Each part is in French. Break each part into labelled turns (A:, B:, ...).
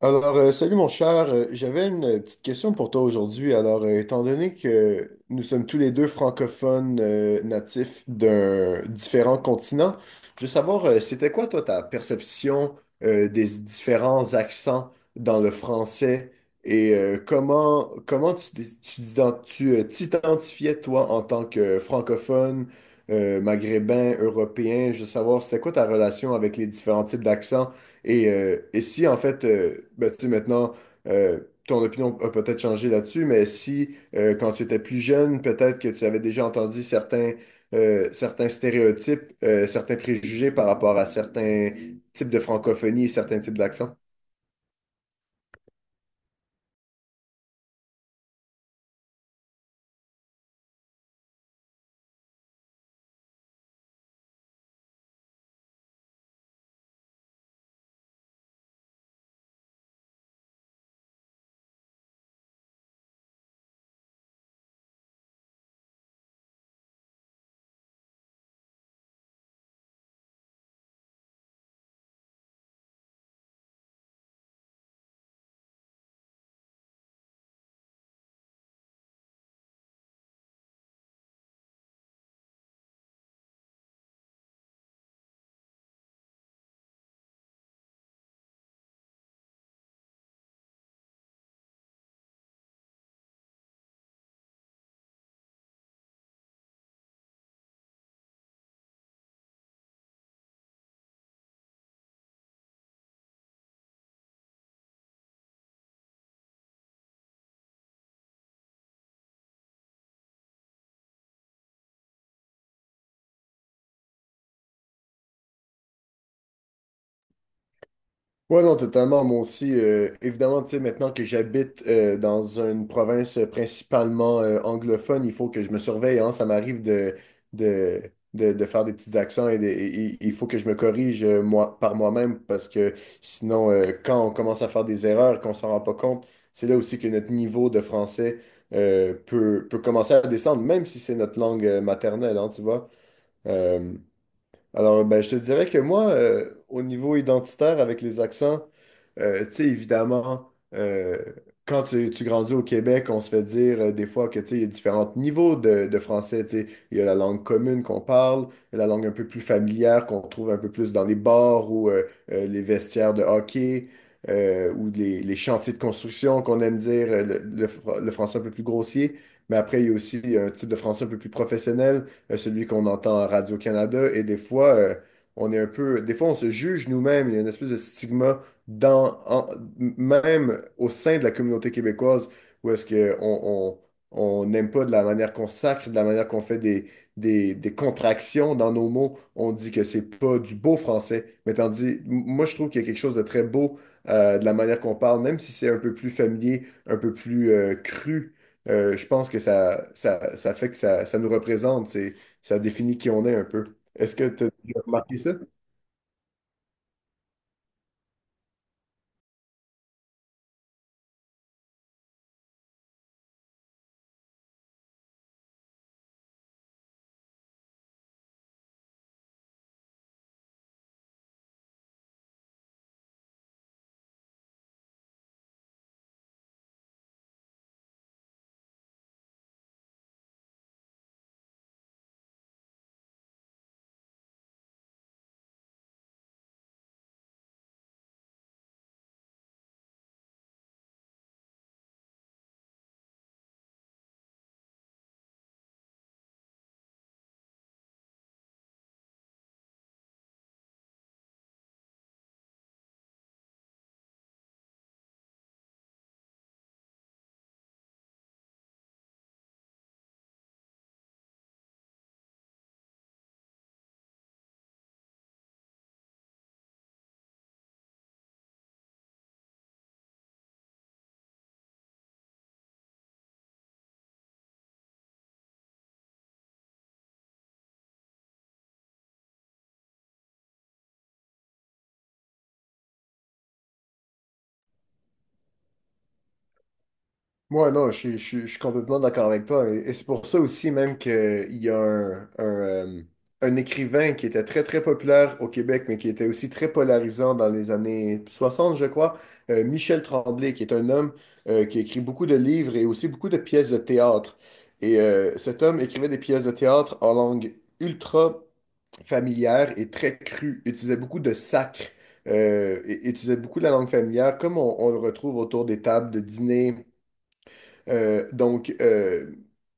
A: Salut mon cher. J'avais une petite question pour toi aujourd'hui. Étant donné que nous sommes tous les deux francophones natifs d'un différent continent, je veux savoir, c'était quoi toi ta perception des différents accents dans le français et comment t'identifiais toi en tant que francophone, maghrébin, européen? Je veux savoir, c'était quoi ta relation avec les différents types d'accents? Et si, en fait, tu sais, maintenant, euh, ton opinion a peut-être changé là-dessus, mais si, quand tu étais plus jeune, peut-être que tu avais déjà entendu certains stéréotypes, certains préjugés par rapport à certains types de francophonie et certains types d'accents. Ouais, non, totalement. Moi aussi, évidemment, tu sais, maintenant que j'habite dans une province principalement anglophone, il faut que je me surveille, hein. Ça m'arrive de, de, de, de faire des petits accents et il faut que je me corrige moi, par moi-même parce que sinon, quand on commence à faire des erreurs, qu'on s'en rend pas compte, c'est là aussi que notre niveau de français peut commencer à descendre, même si c'est notre langue maternelle, hein, tu vois. Euh, alors, ben, je te dirais que moi, au niveau identitaire avec les accents, tu sais, évidemment, quand tu grandis au Québec, on se fait dire des fois que, tu sais, il y a différents niveaux de français, tu sais. Il y a la langue commune qu'on parle, il y a la langue un peu plus familière qu'on trouve un peu plus dans les bars ou les vestiaires de hockey ou les chantiers de construction qu'on aime dire, le français un peu plus grossier. Mais après, il y a aussi un type de français un peu plus professionnel, celui qu'on entend à Radio-Canada. Et des fois, on est un peu, des fois, on se juge nous-mêmes. Il y a une espèce de stigma dans, en- même au sein de la communauté québécoise où est-ce qu'on on n'aime pas de la manière qu'on sacre, de la manière qu'on fait des contractions dans nos mots. On dit que c'est pas du beau français. Mais tandis, moi, je trouve qu'il y a quelque chose de très beau de la manière qu'on parle, même si c'est un peu plus familier, un peu plus cru. Je pense que ça fait que ça nous représente. Ça définit qui on est un peu. Est-ce que tu as remarqué ça? Moi, non, je suis complètement d'accord avec toi. Et c'est pour ça aussi même qu'il y a un un écrivain qui était très populaire au Québec, mais qui était aussi très polarisant dans les années 60, je crois, Michel Tremblay, qui est un homme qui écrit beaucoup de livres et aussi beaucoup de pièces de théâtre. Et cet homme écrivait des pièces de théâtre en langue ultra familière et très crue, utilisait beaucoup de sacre, et utilisait beaucoup de la langue familière, comme on le retrouve autour des tables de dîner, donc,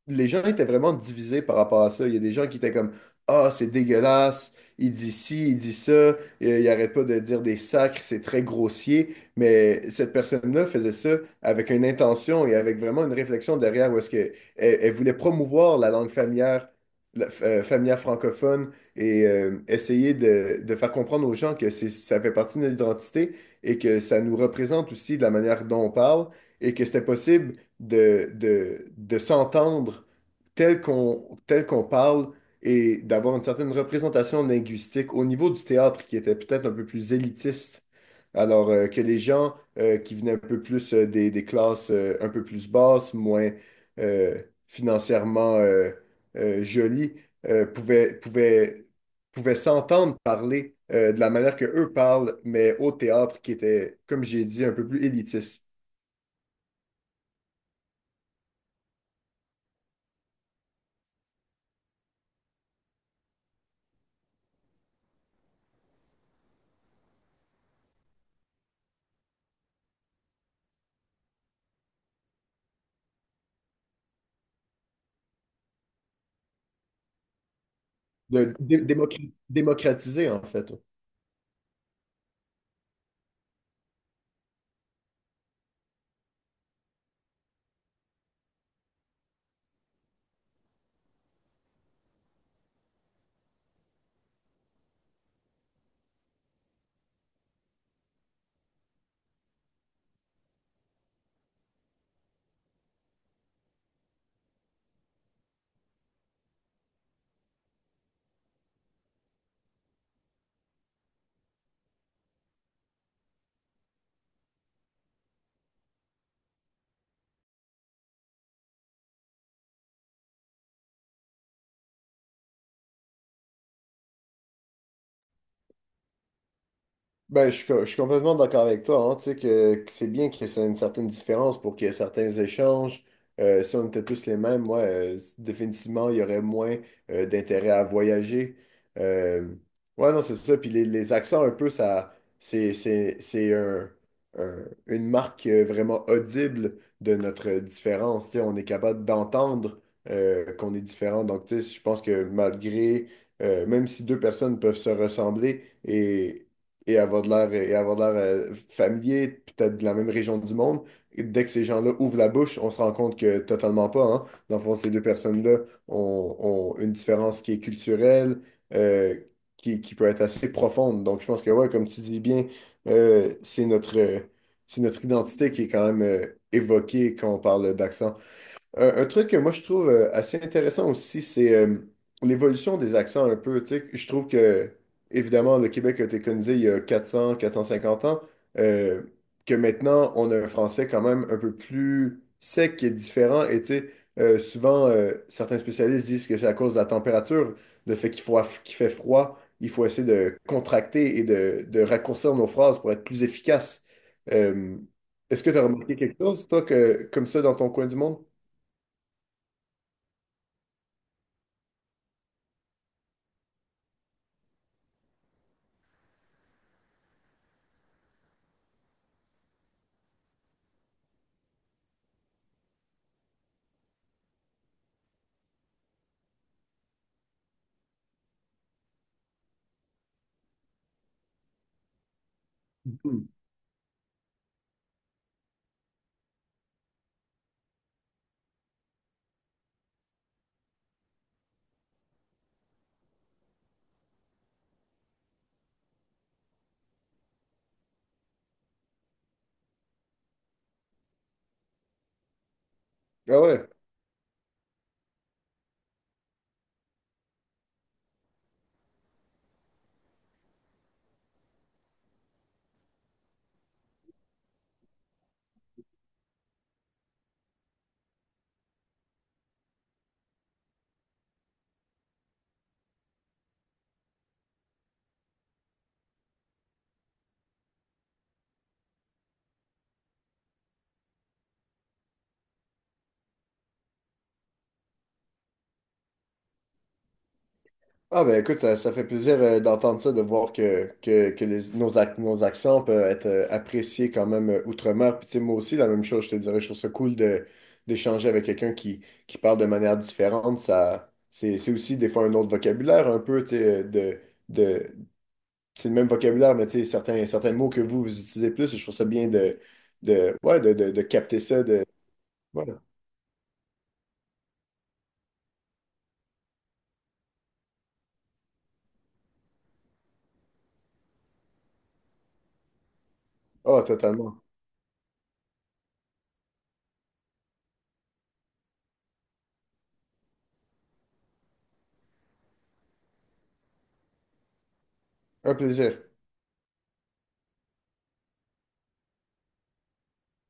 A: les gens étaient vraiment divisés par rapport à ça. Il y a des gens qui étaient comme, ah, c'est dégueulasse, il dit ci, il dit ça, il arrête pas de dire des sacres, c'est très grossier. Mais cette personne-là faisait ça avec une intention et avec vraiment une réflexion derrière où est-ce que elle, elle voulait promouvoir la langue familière, familière francophone et essayer de faire comprendre aux gens que ça fait partie de notre identité et que ça nous représente aussi de la manière dont on parle et que c'était possible de s'entendre tel qu'on parle et d'avoir une certaine représentation linguistique au niveau du théâtre qui était peut-être un peu plus élitiste. Alors que les gens qui venaient un peu plus des classes un peu plus basses, moins financièrement jolies, euh, pouvaient, pouvaient, pouvaient s'entendre parler de la manière que eux parlent, mais au théâtre qui était, comme j'ai dit, un peu plus élitiste. Démocratiser, en fait. Ben, je suis complètement d'accord avec toi, hein. Tu sais que c'est bien qu'il y ait une certaine différence pour qu'il y ait certains échanges. Si on était tous les mêmes, moi, définitivement, il y aurait moins d'intérêt à voyager. Euh, ouais, non, c'est ça. Puis les accents, un peu, ça, c'est une marque vraiment audible de notre différence. Tu sais, on est capable d'entendre qu'on est différent. Donc, tu sais, je pense que malgré, même si deux personnes peuvent se ressembler, et avoir de l'air familier, peut-être de la même région du monde. Et dès que ces gens-là ouvrent la bouche, on se rend compte que totalement pas, hein. Dans le fond, ces deux personnes-là ont une différence qui est culturelle, euh, qui peut être assez profonde. Donc, je pense que, ouais, comme tu dis bien, euh, c'est notre, euh, c'est notre identité qui est quand même évoquée quand on parle d'accent. Un truc que moi je trouve assez intéressant aussi, c'est l'évolution des accents un peu. Tu sais, je trouve que, évidemment, le Québec a été colonisé il y a quatre cent cinquante ans, euh, que maintenant on a un français quand même un peu plus sec qui est différent. Et tu sais, souvent, certains spécialistes disent que c'est à cause de la température, le fait qu'il faut, qu'il fait froid, il faut essayer de contracter et de raccourcir nos phrases pour être plus efficace. Euh, Est-ce que tu as remarqué quelque chose, toi, que, comme ça dans ton coin du monde? Hmm. Ah ouais. Ah ben écoute, ça fait plaisir d'entendre ça, de voir que nos accents peuvent être appréciés quand même outre-mer. Puis tu sais, moi aussi, la même chose, je te dirais, je trouve ça cool de, d'échanger avec quelqu'un qui parle de manière différente. Ça, c'est aussi des fois un autre vocabulaire un peu, tu sais, de, c'est le même vocabulaire, mais tu sais, certains mots que vous utilisez plus, je trouve ça bien de capter ça. De, ouais. Ah, totalement. Un plaisir.